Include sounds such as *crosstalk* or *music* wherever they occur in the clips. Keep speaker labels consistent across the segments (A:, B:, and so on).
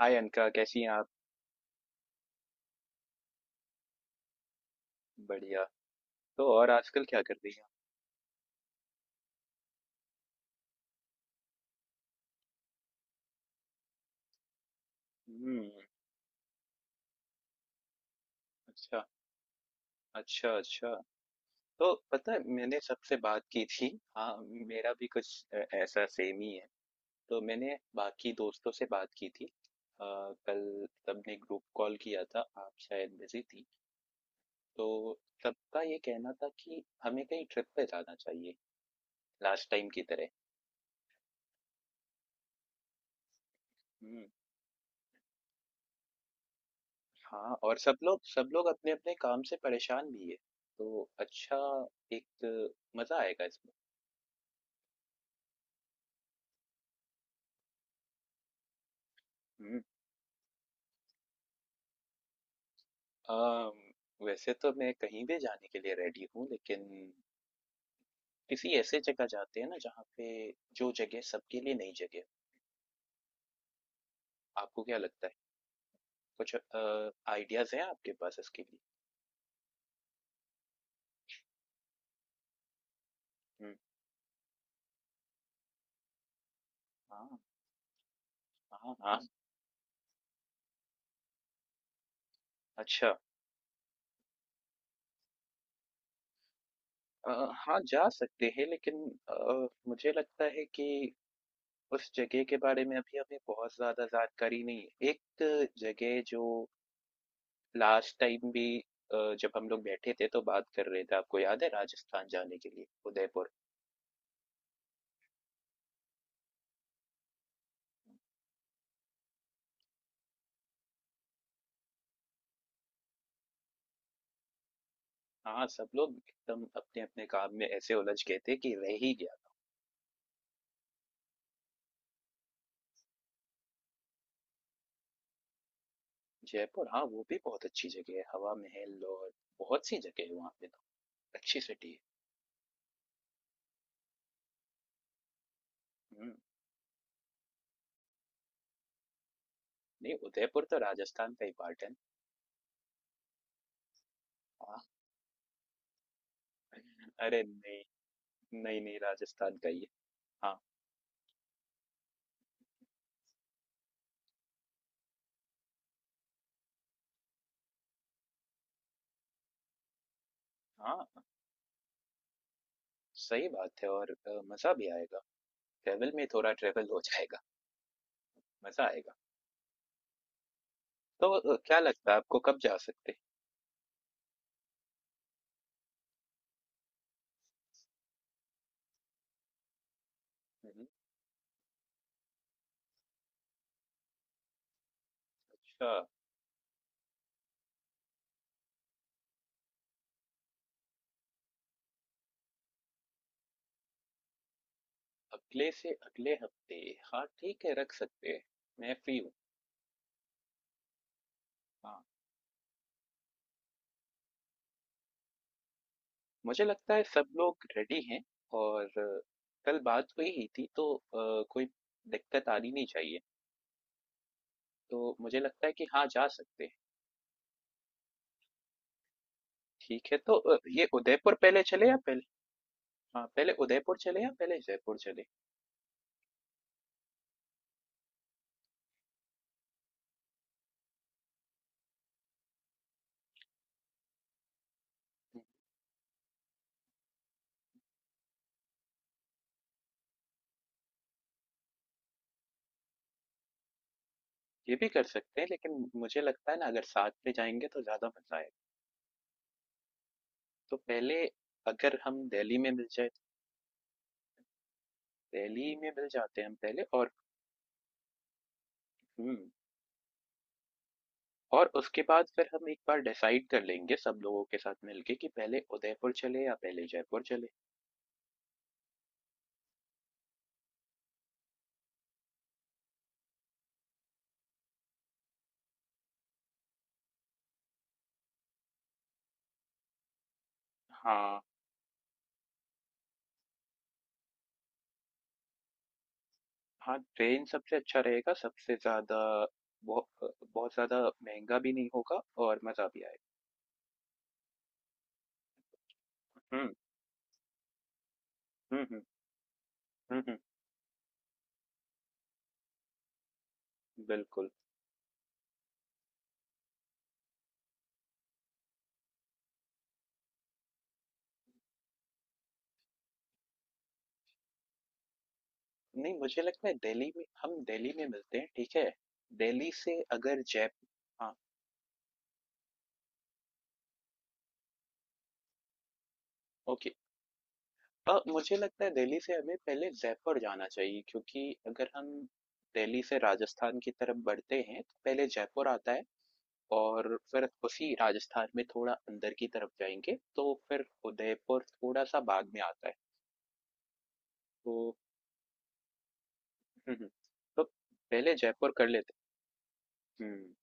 A: हाय अनका कैसी हैं आप। बढ़िया। तो और आजकल क्या कर रही हैं। हम्म। अच्छा। अच्छा। तो पता है मैंने सबसे बात की थी। हाँ, मेरा भी कुछ ऐसा सेम ही है। तो मैंने बाकी दोस्तों से बात की थी। कल सबने ग्रुप कॉल किया था, आप शायद बिजी थी। तो सबका ये कहना था कि हमें कहीं ट्रिप पे जाना चाहिए, लास्ट टाइम की तरह। हम्म। हाँ, और सब लोग अपने-अपने काम से परेशान भी है। तो अच्छा, एक मज़ा आएगा इसमें। हुँ। अ, वैसे तो मैं कहीं भी जाने के लिए रेडी हूँ, लेकिन किसी ऐसे जगह जाते हैं ना जहाँ पे जो जगह सबके लिए नई जगह है। आपको क्या लगता है? कुछ आइडियाज़ हैं आपके पास इसके लिए? हुँ। हाँ, हाँ, हाँ। अच्छा। अ, हाँ, जा सकते हैं लेकिन मुझे लगता है कि उस जगह के बारे में अभी हमें बहुत ज़्यादा जानकारी नहीं है। एक जगह जो लास्ट टाइम भी जब हम लोग बैठे थे तो बात कर रहे थे, आपको याद है, राजस्थान जाने के लिए, उदयपुर। हाँ, सब लोग एकदम अपने-अपने काम में ऐसे उलझ गए थे कि रह ही गया था। जयपुर, हाँ, वो भी बहुत अच्छी जगह है, हवा महल और बहुत सी जगह है वहाँ पे तो, अच्छी सिटी है। हुँ, नहीं उदयपुर तो राजस्थान का ही पार्ट है। हाँ, *laughs* अरे नहीं, नहीं, नहीं राजस्थान का ही है। हाँ, हाँ सही बात है और मज़ा भी आएगा। ट्रैवल में थोड़ा ट्रैवल हो जाएगा, मज़ा आएगा। तो क्या लगता है आपको कब जा सकते हैं? हुँ, हुँ। अच्छा। अगले से अगले हफ्ते, हाँ, ठीक है रख सकते हैं, मैं फ्री हूँ। हाँ, मुझे लगता है सब लोग रेडी हैं और कल बात हुई ही थी तो कोई दिक्कत आनी नहीं चाहिए। तो मुझे लगता है कि हाँ, जा सकते हैं। ठीक है तो ये उदयपुर पहले चले या पहले, हाँ, पहले उदयपुर चले या पहले जयपुर चले? ये भी कर सकते हैं, लेकिन मुझे लगता है ना अगर साथ में जाएँगे तो ज़्यादा मज़ा आएगा। तो पहले अगर हम दिल्ली में मिल जाए, दिल्ली में मिल जाते हैं हम पहले और हुँ, और उसके बाद फिर हम एक बार डिसाइड कर लेंगे सब लोगों के साथ मिल के कि पहले उदयपुर चले या पहले जयपुर चले। हाँ, हाँ, ट्रेन सबसे अच्छा रहेगा, सबसे ज़्यादा बहु अ, बहुत ज़्यादा महँगा भी नहीं होगा और मज़ा भी आएगा। हुँ, हुँ, हुँ, हुँ, हुँ, बिल्कुल। नहीं मुझे लगता है दिल्ली में, हम दिल्ली में मिलते हैं, ठीक है। दिल्ली से अगर जयपुर, हाँ, ओके, मुझे लगता है दिल्ली से हमें पहले जयपुर जाना चाहिए क्योंकि अगर हम दिल्ली से राजस्थान की तरफ बढ़ते हैं तो पहले जयपुर आता है और फिर उसी राजस्थान में थोड़ा अंदर की तरफ जाएंगे तो फिर उदयपुर थोड़ा सा बाद में आता है। तो हम्म, हम्म, तो पहले जयपुर कर लेते हैं। हम्म।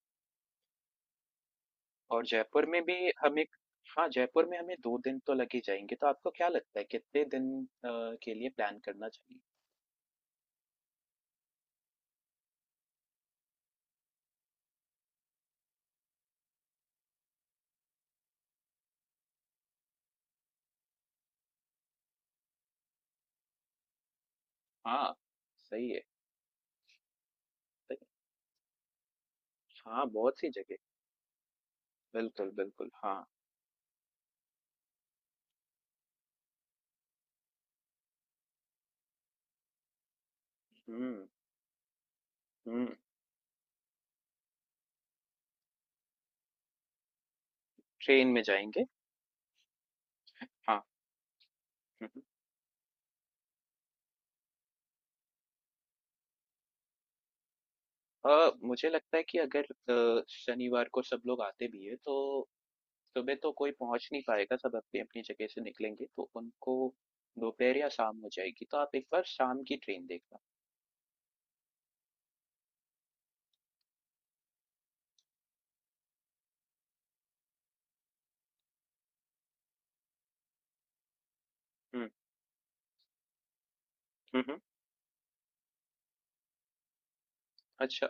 A: और जयपुर में भी हम एक, हाँ जयपुर में हमें दो दिन तो लग ही जाएंगे तो आपको क्या लगता है कितने दिन अ, के लिए प्लान करना चाहिए। हाँ सही है। सही- हाँ बहुत सी जगह, बिल्कुल बिल्कुल, हाँ। हम्म, हम्म। ट्रेन में जाएंगे, हाँ, हम्म, हम्म। मुझे लगता है कि अगर शनिवार को सब लोग आते भी है तो सुबह तो कोई पहुंच नहीं पाएगा, सब अपनी अपनी जगह से निकलेंगे तो उनको दोपहर या शाम हो जाएगी, तो आप एक बार शाम की ट्रेन देखना। हम्म, हम्म, अच्छा,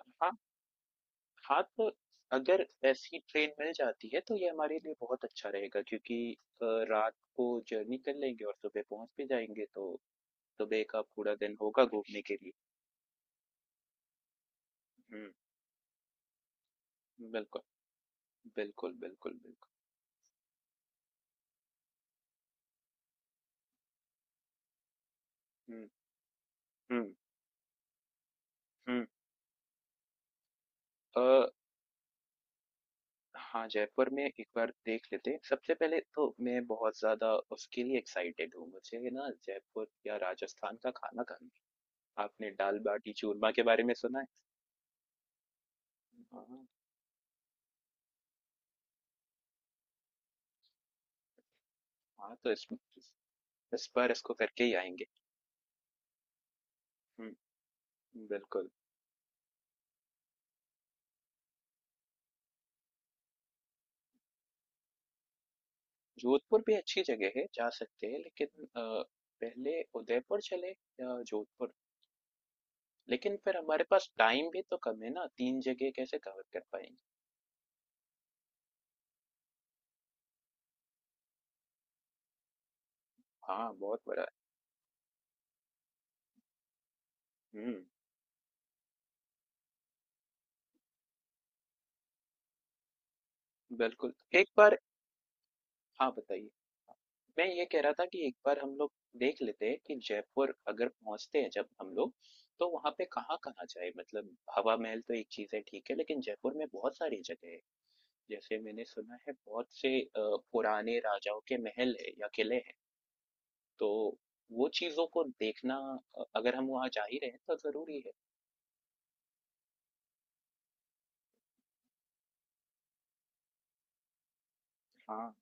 A: हाँ, तो अगर ऐसी ट्रेन मिल जाती है तो ये हमारे लिए बहुत अच्छा रहेगा क्योंकि अ, रात को जर्नी कर लेंगे और सुबह पहुंच भी जाएंगे तो सुबह का पूरा दिन होगा घूमने के लिए। हम्म, बिल्कुल, बिल्कुल, बिल्कुल, बिल्कुल। हम्म, हम्म, हम्म। अ, हाँ जयपुर में एक बार देख लेते हैं सबसे पहले तो। मैं बहुत ज्यादा उसके लिए एक्साइटेड हूँ, मुझे ना जयपुर या राजस्थान का खाना खाना, आपने दाल बाटी चूरमा के बारे में सुना है? हाँ, हाँ तो इस बार इसको करके ही आएंगे। हुँ, बिल्कुल। जोधपुर भी अच्छी जगह है, जा सकते हैं लेकिन पहले उदयपुर चले या जोधपुर? लेकिन फिर हमारे पास टाइम भी तो कम है ना, 3 जगह कैसे कवर कर पाएँगे? हाँ, बहुत बड़ा है। हुँ, बिल्कुल। एक बार, हाँ, बताइए। मैं ये कह रहा था कि एक बार हम लोग देख लेते हैं कि जयपुर अगर पहुँचते हैं जब हम लोग, तो वहाँ पे कहाँ-कहाँ जाएँ? मतलब हवा महल तो एक चीज़ है ठीक है, लेकिन जयपुर में बहुत सारी जगह है। जैसे मैंने सुना है बहुत से पुराने राजाओं के महल है या किले हैं, तो वो चीजों को देखना, अगर हम वहाँ जा ही रहे हैं तो जरूरी है। हाँ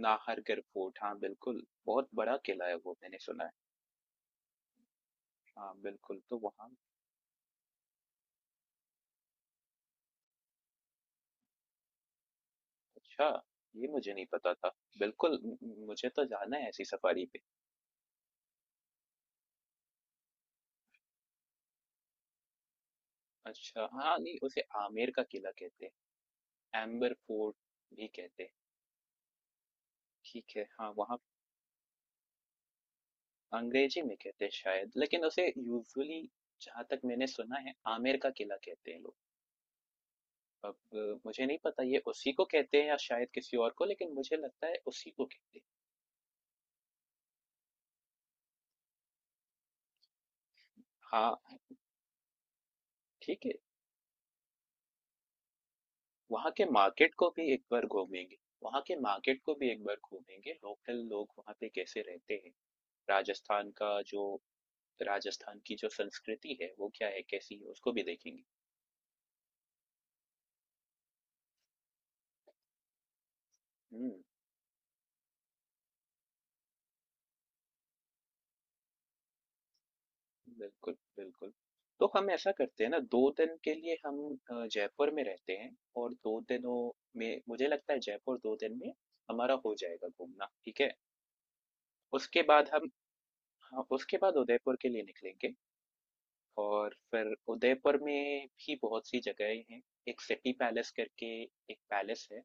A: नाहरगढ़ फोर्ट, हाँ बिल्कुल बहुत बड़ा किला है वो, मैंने सुना है। हाँ बिल्कुल, तो वहाँ अच्छा, ये मुझे नहीं पता था। बिल्कुल, मुझे तो जाना है ऐसी सफारी पे। अच्छा, हाँ नहीं उसे आमेर का किला कहते हैं, एम्बर फोर्ट भी कहते हैं, ठीक है हाँ वहाँ। अंग्रेजी में कहते हैं शायद, लेकिन उसे यूजुअली जहां तक मैंने सुना है आमेर का किला कहते हैं लोग। अब मुझे नहीं पता ये उसी को कहते हैं या शायद किसी और को, लेकिन मुझे लगता है उसी को कहते हैं। हाँ, ठीक है। वहाँ के मार्केट को भी एक बार घूमेंगे, वहाँ के मार्केट को भी एक बार घूमेंगे, लोकल लोग वहाँ पे कैसे रहते हैं, राजस्थान का जो, राजस्थान की जो संस्कृति है वो क्या है, कैसी है, उसको भी देखेंगे। हम्म, बिल्कुल, बिल्कुल। तो हम ऐसा करते हैं ना, 2 दिन के लिए हम जयपुर में रहते हैं और 2 दिनों में मुझे लगता है जयपुर 2 दिन में हमारा हो जाएगा घूमना, ठीक है? उसके बाद हम, हाँ, उसके बाद उदयपुर के लिए निकलेंगे और फिर उदयपुर में भी बहुत सी जगहें हैं। एक सिटी पैलेस करके एक पैलेस है,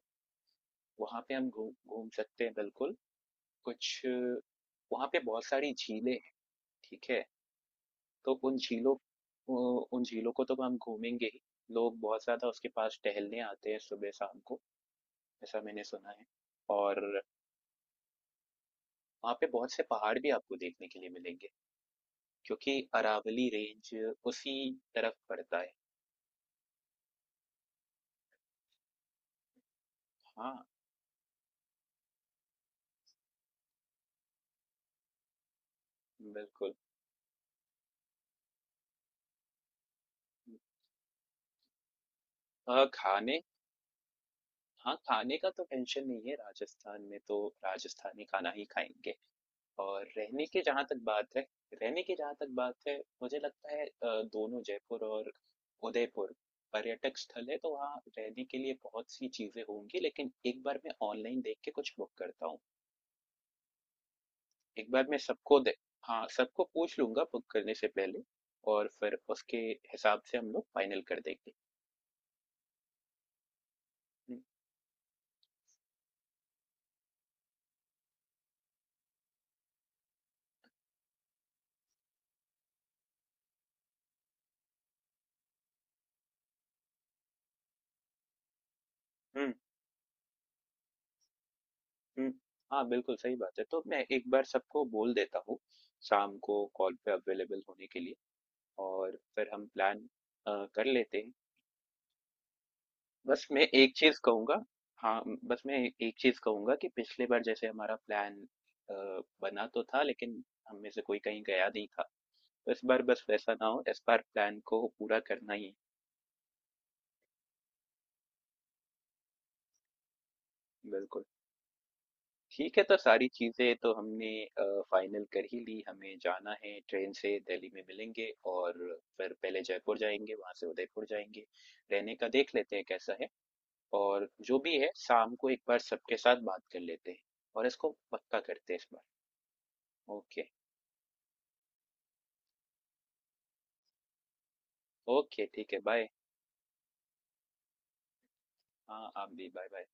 A: वहाँ पे हम घूम घूम सकते हैं बिल्कुल। कुछ वहाँ पे बहुत सारी झीलें हैं, ठीक है? तो उन झीलों, उन झीलों को तो हम घूमेंगे ही, लोग बहुत ज़्यादा उसके पास टहलने आते हैं सुबह शाम को, ऐसा मैंने सुना है। और वहाँ पे बहुत से पहाड़ भी आपको देखने के लिए मिलेंगे क्योंकि अरावली रेंज उसी तरफ पड़ता है। हाँ बिल्कुल। खाने, हाँ खाने का तो टेंशन नहीं है, राजस्थान में तो राजस्थानी खाना ही खाएंगे। और रहने के जहाँ तक बात है, रहने की जहाँ तक बात है, मुझे लगता है दोनों जयपुर और उदयपुर पर्यटक स्थल है, तो वहाँ रहने के लिए बहुत सी चीजें होंगी, लेकिन एक बार मैं ऑनलाइन देख के कुछ बुक करता हूँ। एक बार मैं सबको दे, हाँ सबको पूछ लूंगा बुक करने से पहले और फिर उसके हिसाब से हम लोग फाइनल कर देंगे। हम्म, हम्म, हम्म, हाँ बिल्कुल सही बात है। तो मैं एक बार सबको बोल देता हूँ शाम को कॉल पे अवेलेबल होने के लिए और फिर हम प्लान कर लेते हैं। बस मैं एक चीज कहूंगा, हाँ, बस मैं एक चीज कहूंगा कि पिछली बार जैसे हमारा प्लान बना तो था लेकिन हम में से कोई कहीं गया नहीं था, तो इस बार बस वैसा ना हो, इस बार प्लान को पूरा करना ही है। बिल्कुल। ठीक है, तो सारी चीजें तो हमने फाइनल कर ही ली, हमें जाना है ट्रेन से, दिल्ली में मिलेंगे और फिर पहले जयपुर जाएंगे वहां से उदयपुर जाएंगे। रहने का देख लेते हैं कैसा है और जो भी है शाम को एक बार सबके साथ बात कर लेते हैं और इसको पक्का करते हैं इस बार। ओके, ओके ठीक है बाय। हाँ आप भी बाय बाय।